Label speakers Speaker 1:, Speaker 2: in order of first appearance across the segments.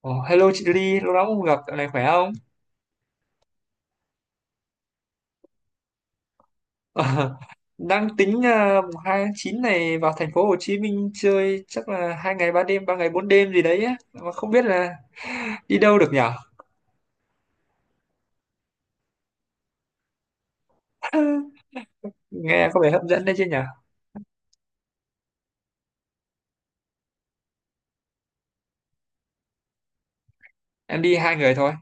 Speaker 1: Ồ, hello chị Ly, lâu lắm không gặp, dạo này khỏe không? Đang tính mùng 2 tháng 9 này vào thành phố Hồ Chí Minh chơi chắc là hai ngày ba đêm, ba ngày bốn đêm gì đấy á. Mà không biết là đi đâu được nhở? Nghe có vẻ hấp dẫn đấy chứ nhở? Em đi hai người thôi,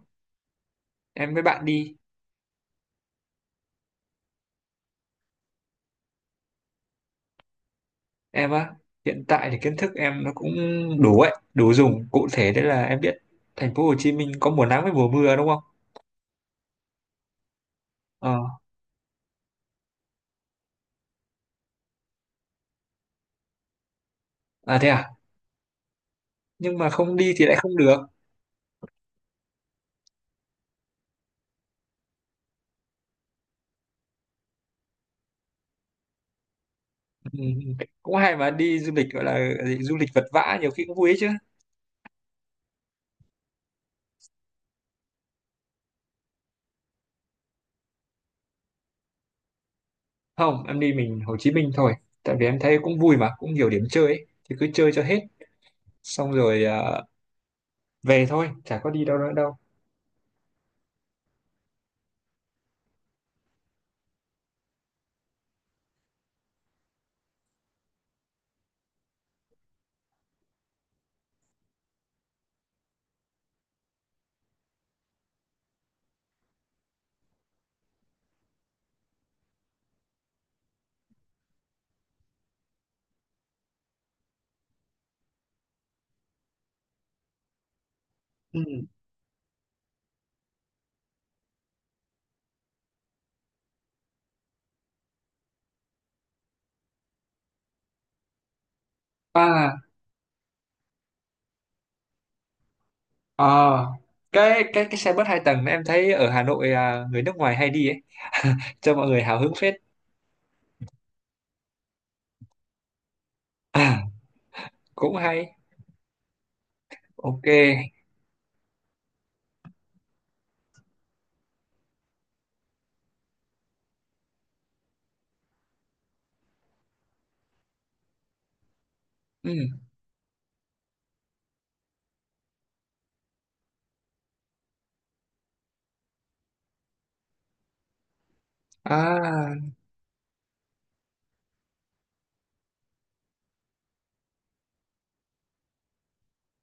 Speaker 1: em với bạn đi. Em á, hiện tại thì kiến thức em nó cũng đủ ấy, đủ dùng. Cụ thể đấy là em biết thành phố Hồ Chí Minh có mùa nắng với mùa mưa đúng không? Ờ, à thế à? Nhưng mà không đi thì lại không được. Ừ, ừ, cũng hay mà đi du lịch gọi là gì, du lịch vật vã nhiều khi cũng vui ấy chứ. Không, em đi mình Hồ Chí Minh thôi, tại vì em thấy cũng vui mà cũng nhiều điểm chơi ấy. Thì cứ chơi cho hết xong rồi về thôi, chả có đi đâu nữa đâu. Ừ. À, à, cái xe bus hai tầng em thấy ở Hà Nội à, người nước ngoài hay đi ấy. Cho mọi người hào hứng phết. À, cũng hay. Ok. Ừ. À.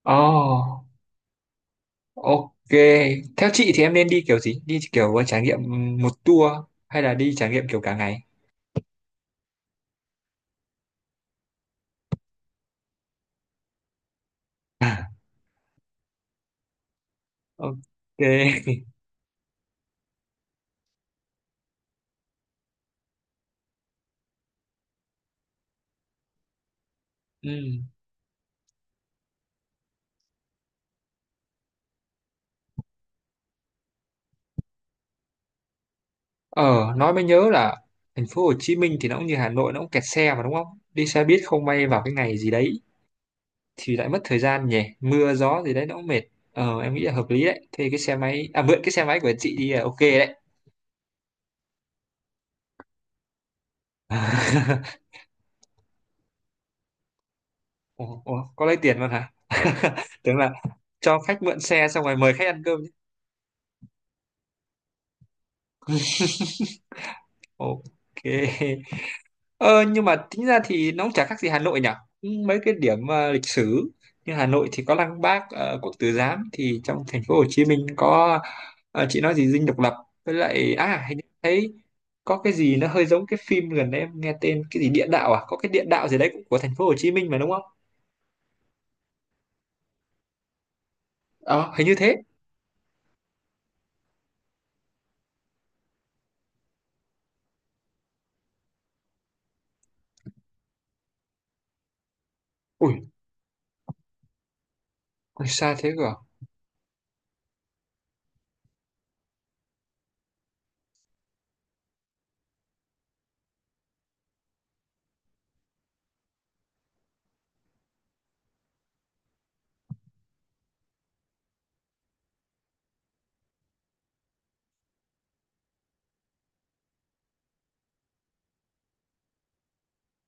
Speaker 1: Oh. Ok, theo chị thì em nên đi kiểu gì? Đi kiểu trải nghiệm một tour hay là đi trải nghiệm kiểu cả ngày? Ok. Ừ. Ờ, nói mới nhớ là thành phố Hồ Chí Minh thì nó cũng như Hà Nội, nó cũng kẹt xe mà đúng không? Đi xe buýt không may vào cái ngày gì đấy thì lại mất thời gian nhỉ? Mưa gió gì đấy nó cũng mệt. Ờ, em nghĩ là hợp lý đấy. Thế cái xe máy, à mượn cái xe máy của chị đi là ok đấy. Ủa, có lấy tiền luôn hả? Tưởng là cho khách mượn xe xong rồi mời khách ăn cơm chứ. Ok. Ờ, nhưng mà tính ra thì nó cũng chả khác gì Hà Nội nhỉ? Mấy cái điểm lịch sử như Hà Nội thì có Lăng Bác, Quốc Tử Giám, thì trong thành phố Hồ Chí Minh có ờ, chị nói gì Dinh Độc Lập, với lại à hình như thấy có cái gì nó hơi giống cái phim gần đây em nghe tên cái gì địa đạo à? Có cái địa đạo gì đấy cũng của thành phố Hồ Chí Minh mà đúng không? Ờ, hình như thế. Ui, ui xa thế cơ à?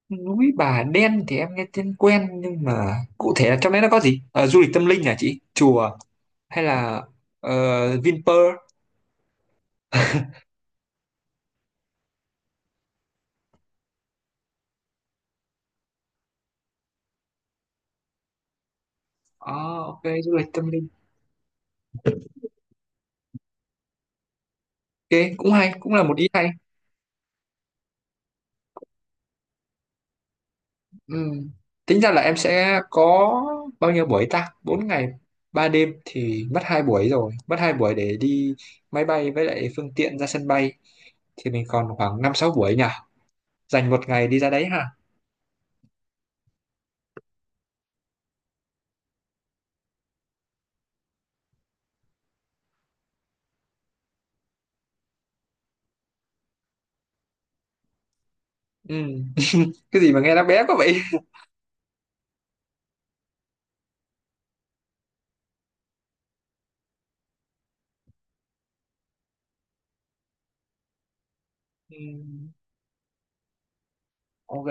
Speaker 1: Núi Bà Đen thì em nghe tên quen nhưng mà cụ thể là trong đấy nó có gì? Ờ, du lịch tâm linh à chị? Chùa hay là Vinpearl. À, ok, du lịch tâm linh. Ok, cũng hay, cũng là một ý hay. Ừ. Tính ra là em sẽ có bao nhiêu buổi ta? 4 ngày, 3 đêm thì mất 2 buổi rồi. Mất 2 buổi để đi máy bay với lại phương tiện ra sân bay. Thì mình còn khoảng năm sáu buổi nhỉ? Dành một ngày đi ra đấy ha. Ừ. Cái gì mà nghe nó bé quá vậy? Ừ. Ok,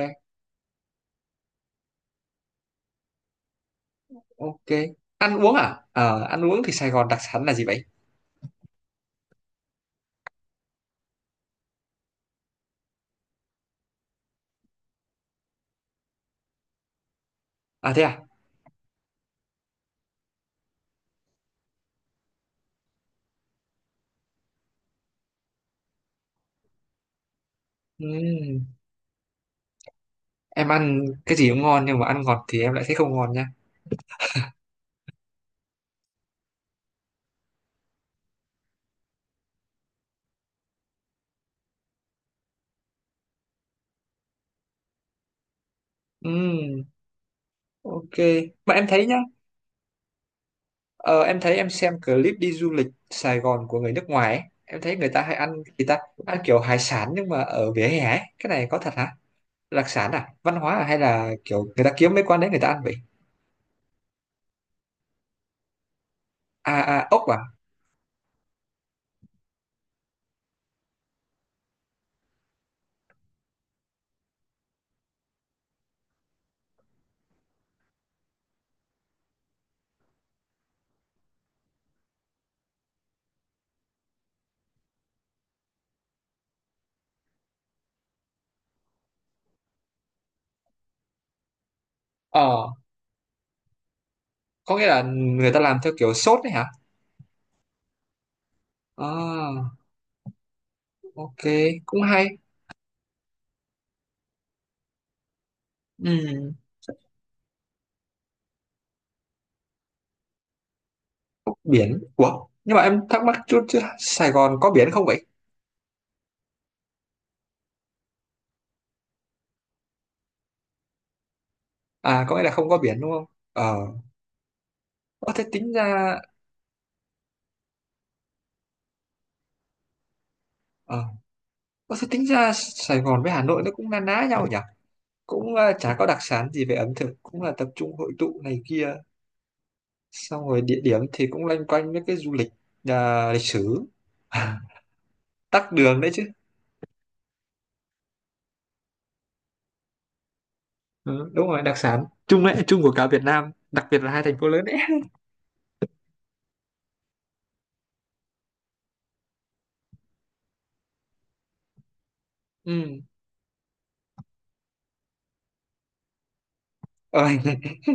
Speaker 1: ok. Ăn uống à? Ờ, ăn uống thì Sài Gòn đặc sản là gì vậy? À thế à? Ừ. Em ăn cái gì cũng ngon nhưng mà ăn ngọt thì em lại thấy không ngon nha. Ừ. Ok, mà em thấy nhá, ờ, em thấy em xem clip đi du lịch Sài Gòn của người nước ngoài ấy, em thấy người ta hay ăn gì ta, ăn kiểu hải sản nhưng mà ở vỉa hè ấy, cái này có thật hả? Đặc sản à? Văn hóa à? Hay là kiểu người ta kiếm mấy quán đấy người ta ăn vậy? À, à, ốc à? Ờ, có nghĩa là người ta làm theo kiểu sốt đấy hả? À, ok, cũng hay. Ừ, ốc biển. Ủa, nhưng mà em thắc mắc chút chứ Sài Gòn có biển không vậy? À, có nghĩa là không có biển đúng không? Ờ, có thế tính ra... Ờ, ủa, thế tính ra Sài Gòn với Hà Nội nó cũng na ná nhau nhỉ? Cũng ờ, chả có đặc sản gì về ẩm thực, cũng là tập trung hội tụ này kia. Xong rồi địa điểm thì cũng loanh quanh với cái du lịch, à, lịch sử. Tắc đường đấy chứ. Ừ, đúng rồi, đặc sản chung đấy, chung của cả Việt Nam, đặc biệt là hai thành phố lớn đấy. Ừ. Ờ,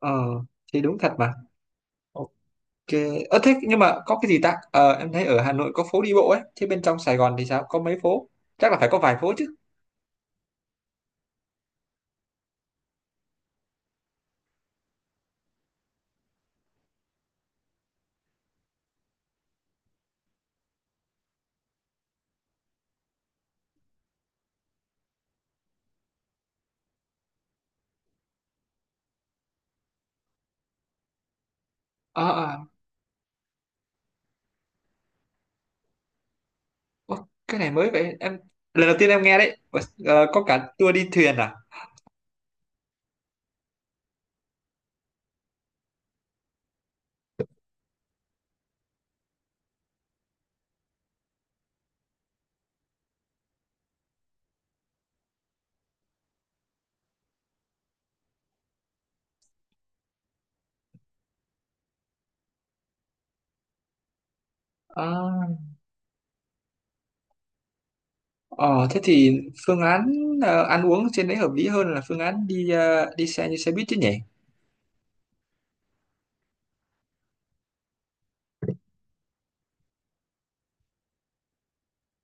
Speaker 1: ờ, thì đúng thật mà. Ok. Ờ thế nhưng mà có cái gì ta? Ờ, em thấy ở Hà Nội có phố đi bộ ấy, thế bên trong Sài Gòn thì sao? Có mấy phố? Chắc là phải có vài phố chứ. Ờ ờ. Ủa, cái này mới vậy em, lần đầu tiên em nghe đấy. Ủa, ờ, có cả tour đi thuyền à. À, ờ thế thì phương án ăn uống trên đấy hợp lý hơn là phương án đi đi xe như xe buýt chứ nhỉ.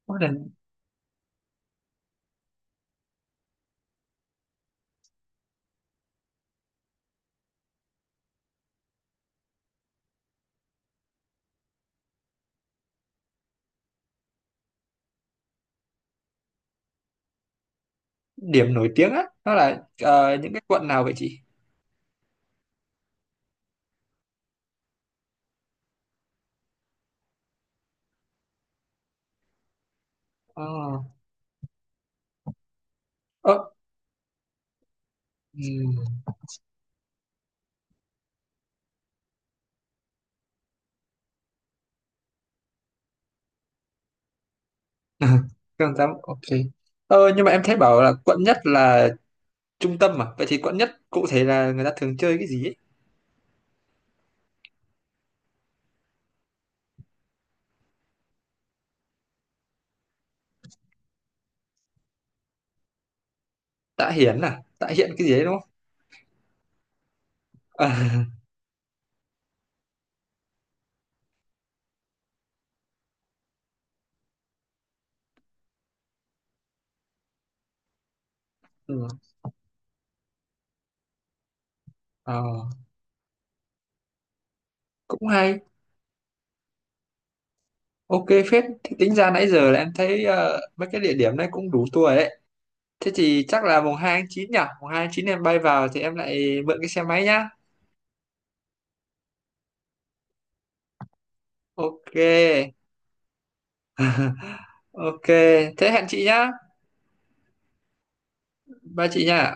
Speaker 1: Có là điểm nổi tiếng á nó là những cái quận nào vậy chị? Ờ ờ, ừm. Không dám, ok. Ờ nhưng mà em thấy bảo là quận nhất là trung tâm mà, vậy thì quận nhất cụ thể là người ta thường chơi cái gì ấy? Tạ Hiển à, Tạ Hiện cái gì đấy đúng không? Ừ. Ờ, cũng hay. Ok phết, thì tính ra nãy giờ là em thấy mấy cái địa điểm này cũng đủ tour rồi đấy. Thế thì chắc là mùng 2 tháng 9 nhỉ? Mùng 2 tháng 9 em bay vào thì em lại mượn cái xe máy nhá. Ok, ok. Thế hẹn chị nhá. Ba chị nhá.